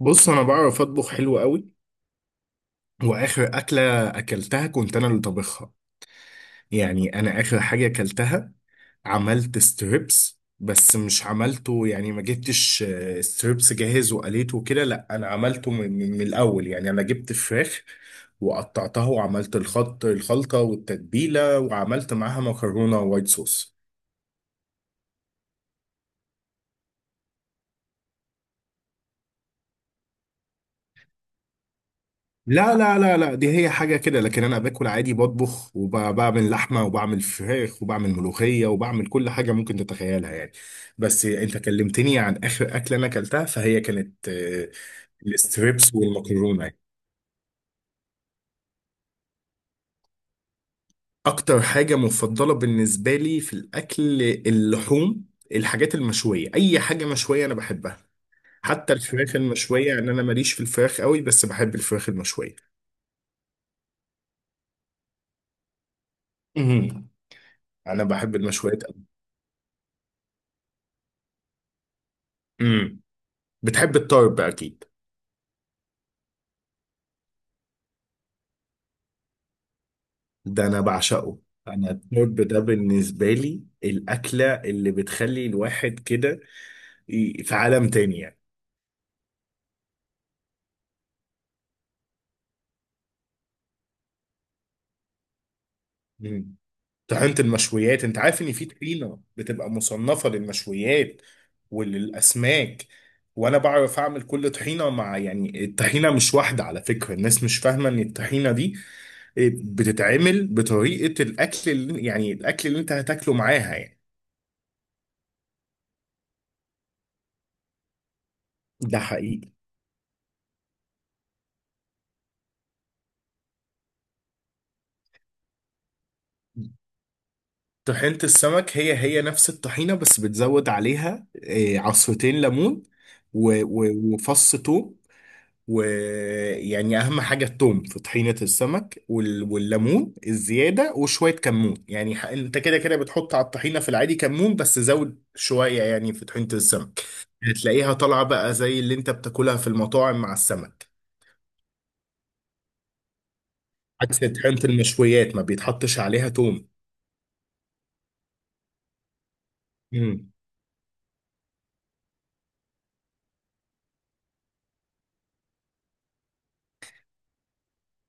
بص انا بعرف اطبخ حلو قوي. واخر اكله اكلتها كنت انا اللي طبخها، يعني انا اخر حاجه اكلتها عملت ستريبس، بس مش عملته يعني، ما جبتش ستريبس جاهز وقليته كده، لا انا عملته من الاول. يعني انا جبت فراخ وقطعتها وعملت الخط الخلطه والتتبيله، وعملت معاها مكرونه وايت صوص. لا لا لا لا، دي هي حاجة كده، لكن أنا باكل عادي، بطبخ وبعمل لحمة وبعمل فراخ وبعمل ملوخية وبعمل كل حاجة ممكن تتخيلها يعني. بس أنت كلمتني عن آخر أكلة أنا أكلتها، فهي كانت الستريبس والمكرونة يعني. أكتر حاجة مفضلة بالنسبة لي في الأكل اللحوم، الحاجات المشوية، أي حاجة مشوية أنا بحبها. حتى الفراخ المشوية، يعني أنا ماليش في الفراخ قوي بس بحب الفراخ المشوية. أمم. أنا بحب المشويات أوي. أمم. بتحب الطرب أكيد. ده انا بعشقه. انا الطرب ده بالنسبه لي الاكله اللي بتخلي الواحد كده في عالم تاني يعني. مم. طحينه المشويات، انت عارف ان في طحينه بتبقى مصنفه للمشويات وللاسماك، وانا بعرف اعمل كل طحينه، مع يعني الطحينه مش واحده على فكره. الناس مش فاهمه ان الطحينه دي بتتعمل بطريقه الاكل اللي يعني الاكل اللي انت هتاكله معاها يعني. ده حقيقي. طحينة السمك هي نفس الطحينة، بس بتزود عليها عصرتين ليمون و- و- وفص ثوم. ويعني أهم حاجة الثوم في طحينة السمك، وال- والليمون الزيادة وشوية كمون يعني. أنت كده كده بتحط على الطحينة في العادي كمون، بس زود شوية يعني في طحينة السمك. هتلاقيها طالعة بقى زي اللي أنت بتاكلها في المطاعم مع السمك. عكس طحينة المشويات ما بيتحطش عليها ثوم.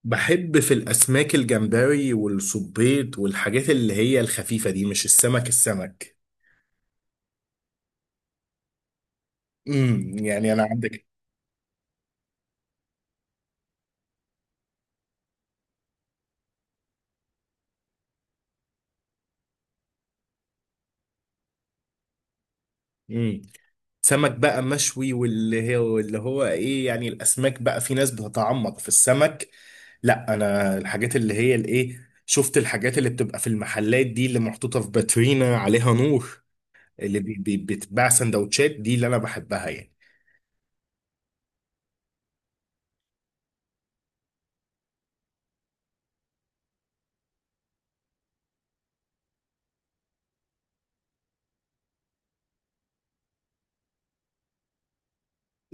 بحب في الأسماك الجمبري والصبيط والحاجات اللي هي الخفيفة دي، مش السمك السمك. امم، يعني أنا عندك. امم. سمك بقى مشوي، واللي هو اللي هو إيه يعني، الأسماك بقى في ناس بتتعمق في السمك. لا أنا الحاجات اللي هي الإيه، شفت الحاجات اللي بتبقى في المحلات دي اللي محطوطة في باترينا عليها نور، اللي بي بتتباع سندوتشات، دي اللي أنا بحبها يعني.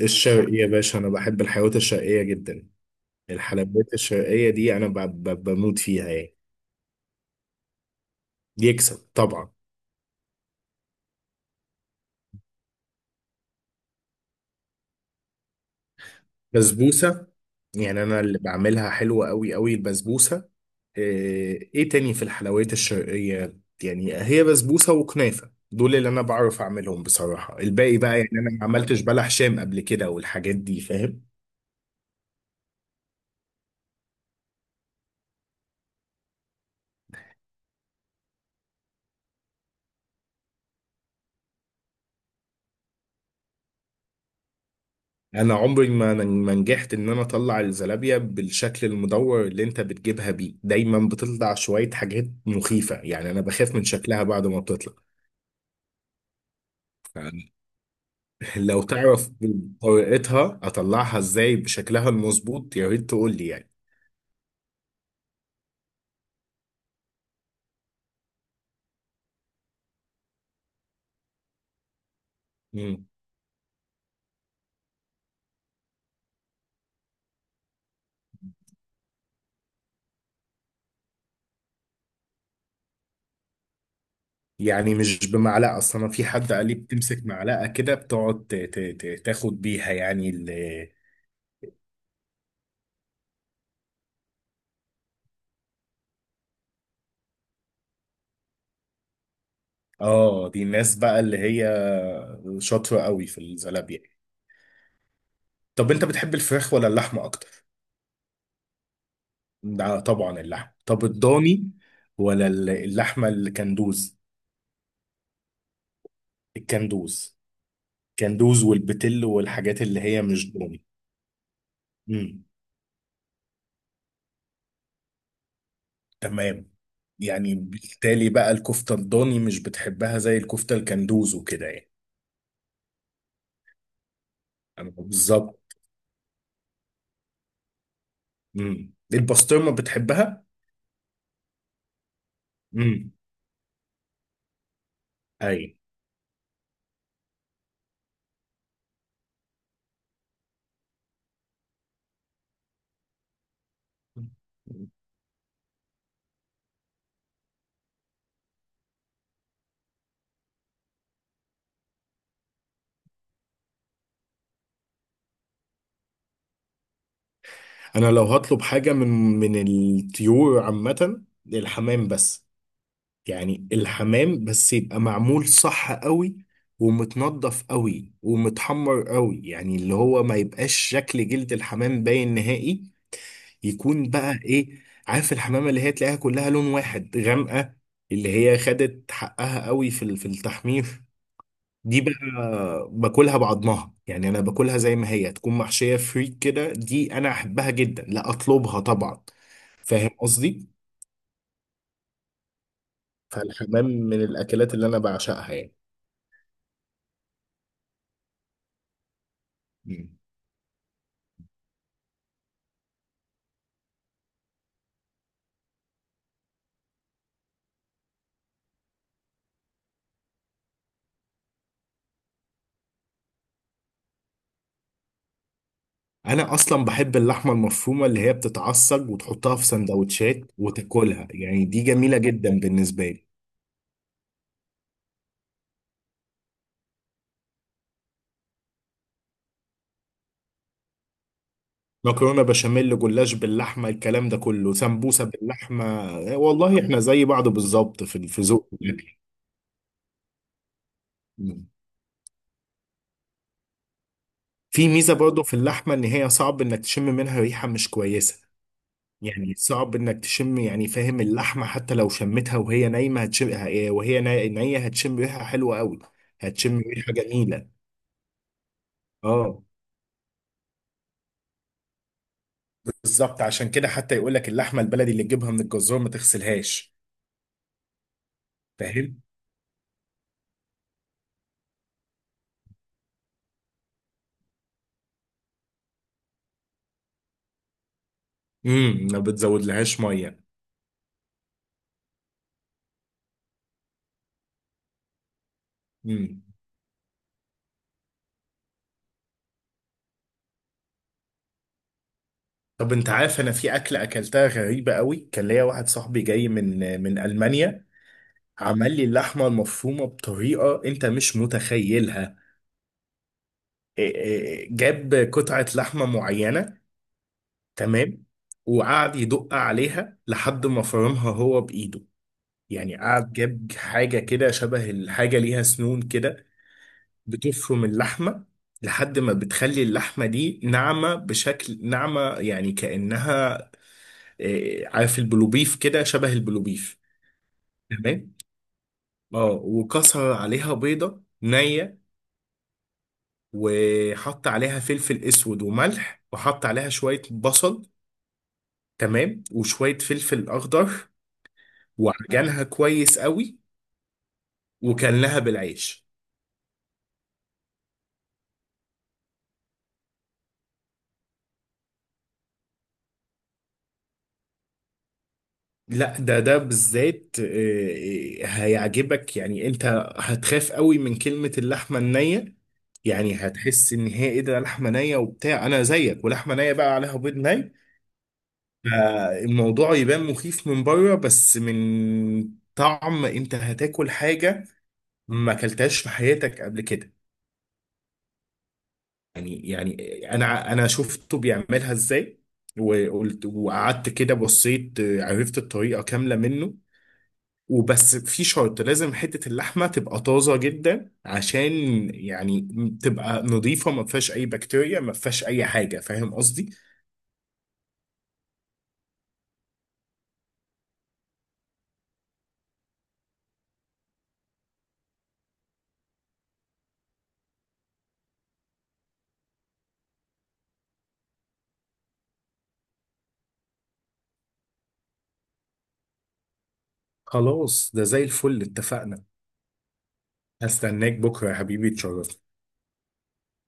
الشرقية يا باشا، أنا بحب الحيوانات الشرقية جدا. الحلويات الشرقية دي أنا ب- ب- بموت فيها يعني. يكسب طبعا. بسبوسة، يعني أنا اللي بعملها حلوة أوي أوي البسبوسة. إيه إيه تاني في الحلويات الشرقية؟ يعني هي بسبوسة وكنافة، دول اللي أنا بعرف أعملهم بصراحة. الباقي بقى يعني أنا ما عملتش بلح شام قبل كده والحاجات دي فاهم. أنا عمري ما نجحت إن أنا أطلع الزلابية بالشكل المدور اللي أنت بتجيبها بيه. دايما بتطلع شوية حاجات مخيفة، يعني أنا بخاف من شكلها بعد ما بتطلع. لو تعرف طريقتها اطلعها ازاي بشكلها المظبوط يا ريت تقول لي يعني. مم. يعني مش بمعلقه اصلا انا، في حد قال لي بتمسك معلقه كده، بتقعد ت- ت- ت- تاخد بيها يعني اه. دي الناس بقى اللي هي شاطره قوي في الزلابيه. طب انت بتحب الفراخ ولا اللحمه اكتر؟ ده طبعا اللحمه. طب الضاني ولا اللحمه الكندوز؟ الكندوز. كندوز والبتل والحاجات اللي هي، مش ضاني. تمام. يعني بالتالي بقى الكفتة الضاني مش بتحبها زي الكفتة الكندوز وكده يعني. أنا بالظبط. امم، البسطرمة بتحبها؟ امم. أي. أنا لو هطلب حاجة من الطيور عامة الحمام بس. يعني الحمام بس يبقى معمول صح قوي ومتنضف قوي ومتحمر قوي، يعني اللي هو ما يبقاش شكل جلد الحمام باين نهائي. يكون بقى ايه، عارف الحمامه اللي هي تلاقيها كلها لون واحد غامقه، اللي هي خدت حقها قوي في التحمير. دي بقى باكلها بعضمها، يعني انا باكلها زي ما هي، تكون محشيه فريك كده، دي انا احبها جدا، لا اطلبها طبعا. فاهم قصدي؟ فالحمام من الاكلات اللي انا بعشقها يعني. مم. انا اصلا بحب اللحمه المفرومه اللي هي بتتعصج وتحطها في سندوتشات وتاكلها، يعني دي جميله جدا بالنسبه لي. مكرونه بشاميل، جلاش باللحمه، الكلام ده كله، سمبوسه باللحمه. والله احنا زي بعض بالظبط في في ذوق الاكل. مم. في ميزه برضو في اللحمه، ان هي صعب انك تشم منها ريحه مش كويسه. يعني صعب انك تشم يعني فاهم، اللحمه حتى لو شمتها وهي نايمه هتشم، وهي نيه هتشم ريحه حلوه قوي. هتشم ريحه جميله. اه بالظبط، عشان كده حتى يقول لك اللحمه البلدي اللي تجيبها من الجزار ما تغسلهاش فاهم. امم، ما بتزودلهاش ميه. امم. طب انت عارف انا في اكله اكلتها غريبه قوي. كان ليا واحد صاحبي جاي من المانيا، عمل لي اللحمه المفرومه بطريقه انت مش متخيلها. إيه إيه، جاب قطعه لحمه معينه. تمام. وقعد يدق عليها لحد ما فرمها هو بايده. يعني قعد جاب حاجه كده شبه الحاجه ليها سنون كده، بتفرم اللحمه لحد ما بتخلي اللحمه دي ناعمه، بشكل ناعمه يعني كانها عارف البلوبيف، كده شبه البلوبيف. تمام. اه، وكسر عليها بيضة نية، وحط عليها فلفل اسود وملح، وحط عليها شوية بصل، تمام، وشوية فلفل اخضر، وعجنها كويس قوي، وكلها بالعيش. لا ده بالذات هيعجبك يعني انت. هتخاف قوي من كلمة اللحمة النية، يعني هتحس ان هي ايه ده، لحمة نية وبتاع، انا زيك، ولحمة نية بقى عليها بيض ني. الموضوع يبان مخيف من بره، بس من طعم انت هتاكل حاجة ما اكلتهاش في حياتك قبل كده. يعني يعني، انا شفته بيعملها ازاي، وقلت وقعدت كده بصيت، عرفت الطريقة كاملة منه. وبس في شرط، لازم حتة اللحمة تبقى طازة جدا، عشان يعني تبقى نظيفة، ما فيهاش أي بكتيريا، ما فيهاش أي حاجة، فاهم قصدي؟ خلاص ده زي الفل، اتفقنا. هستناك بكرة يا حبيبي، تشرفني.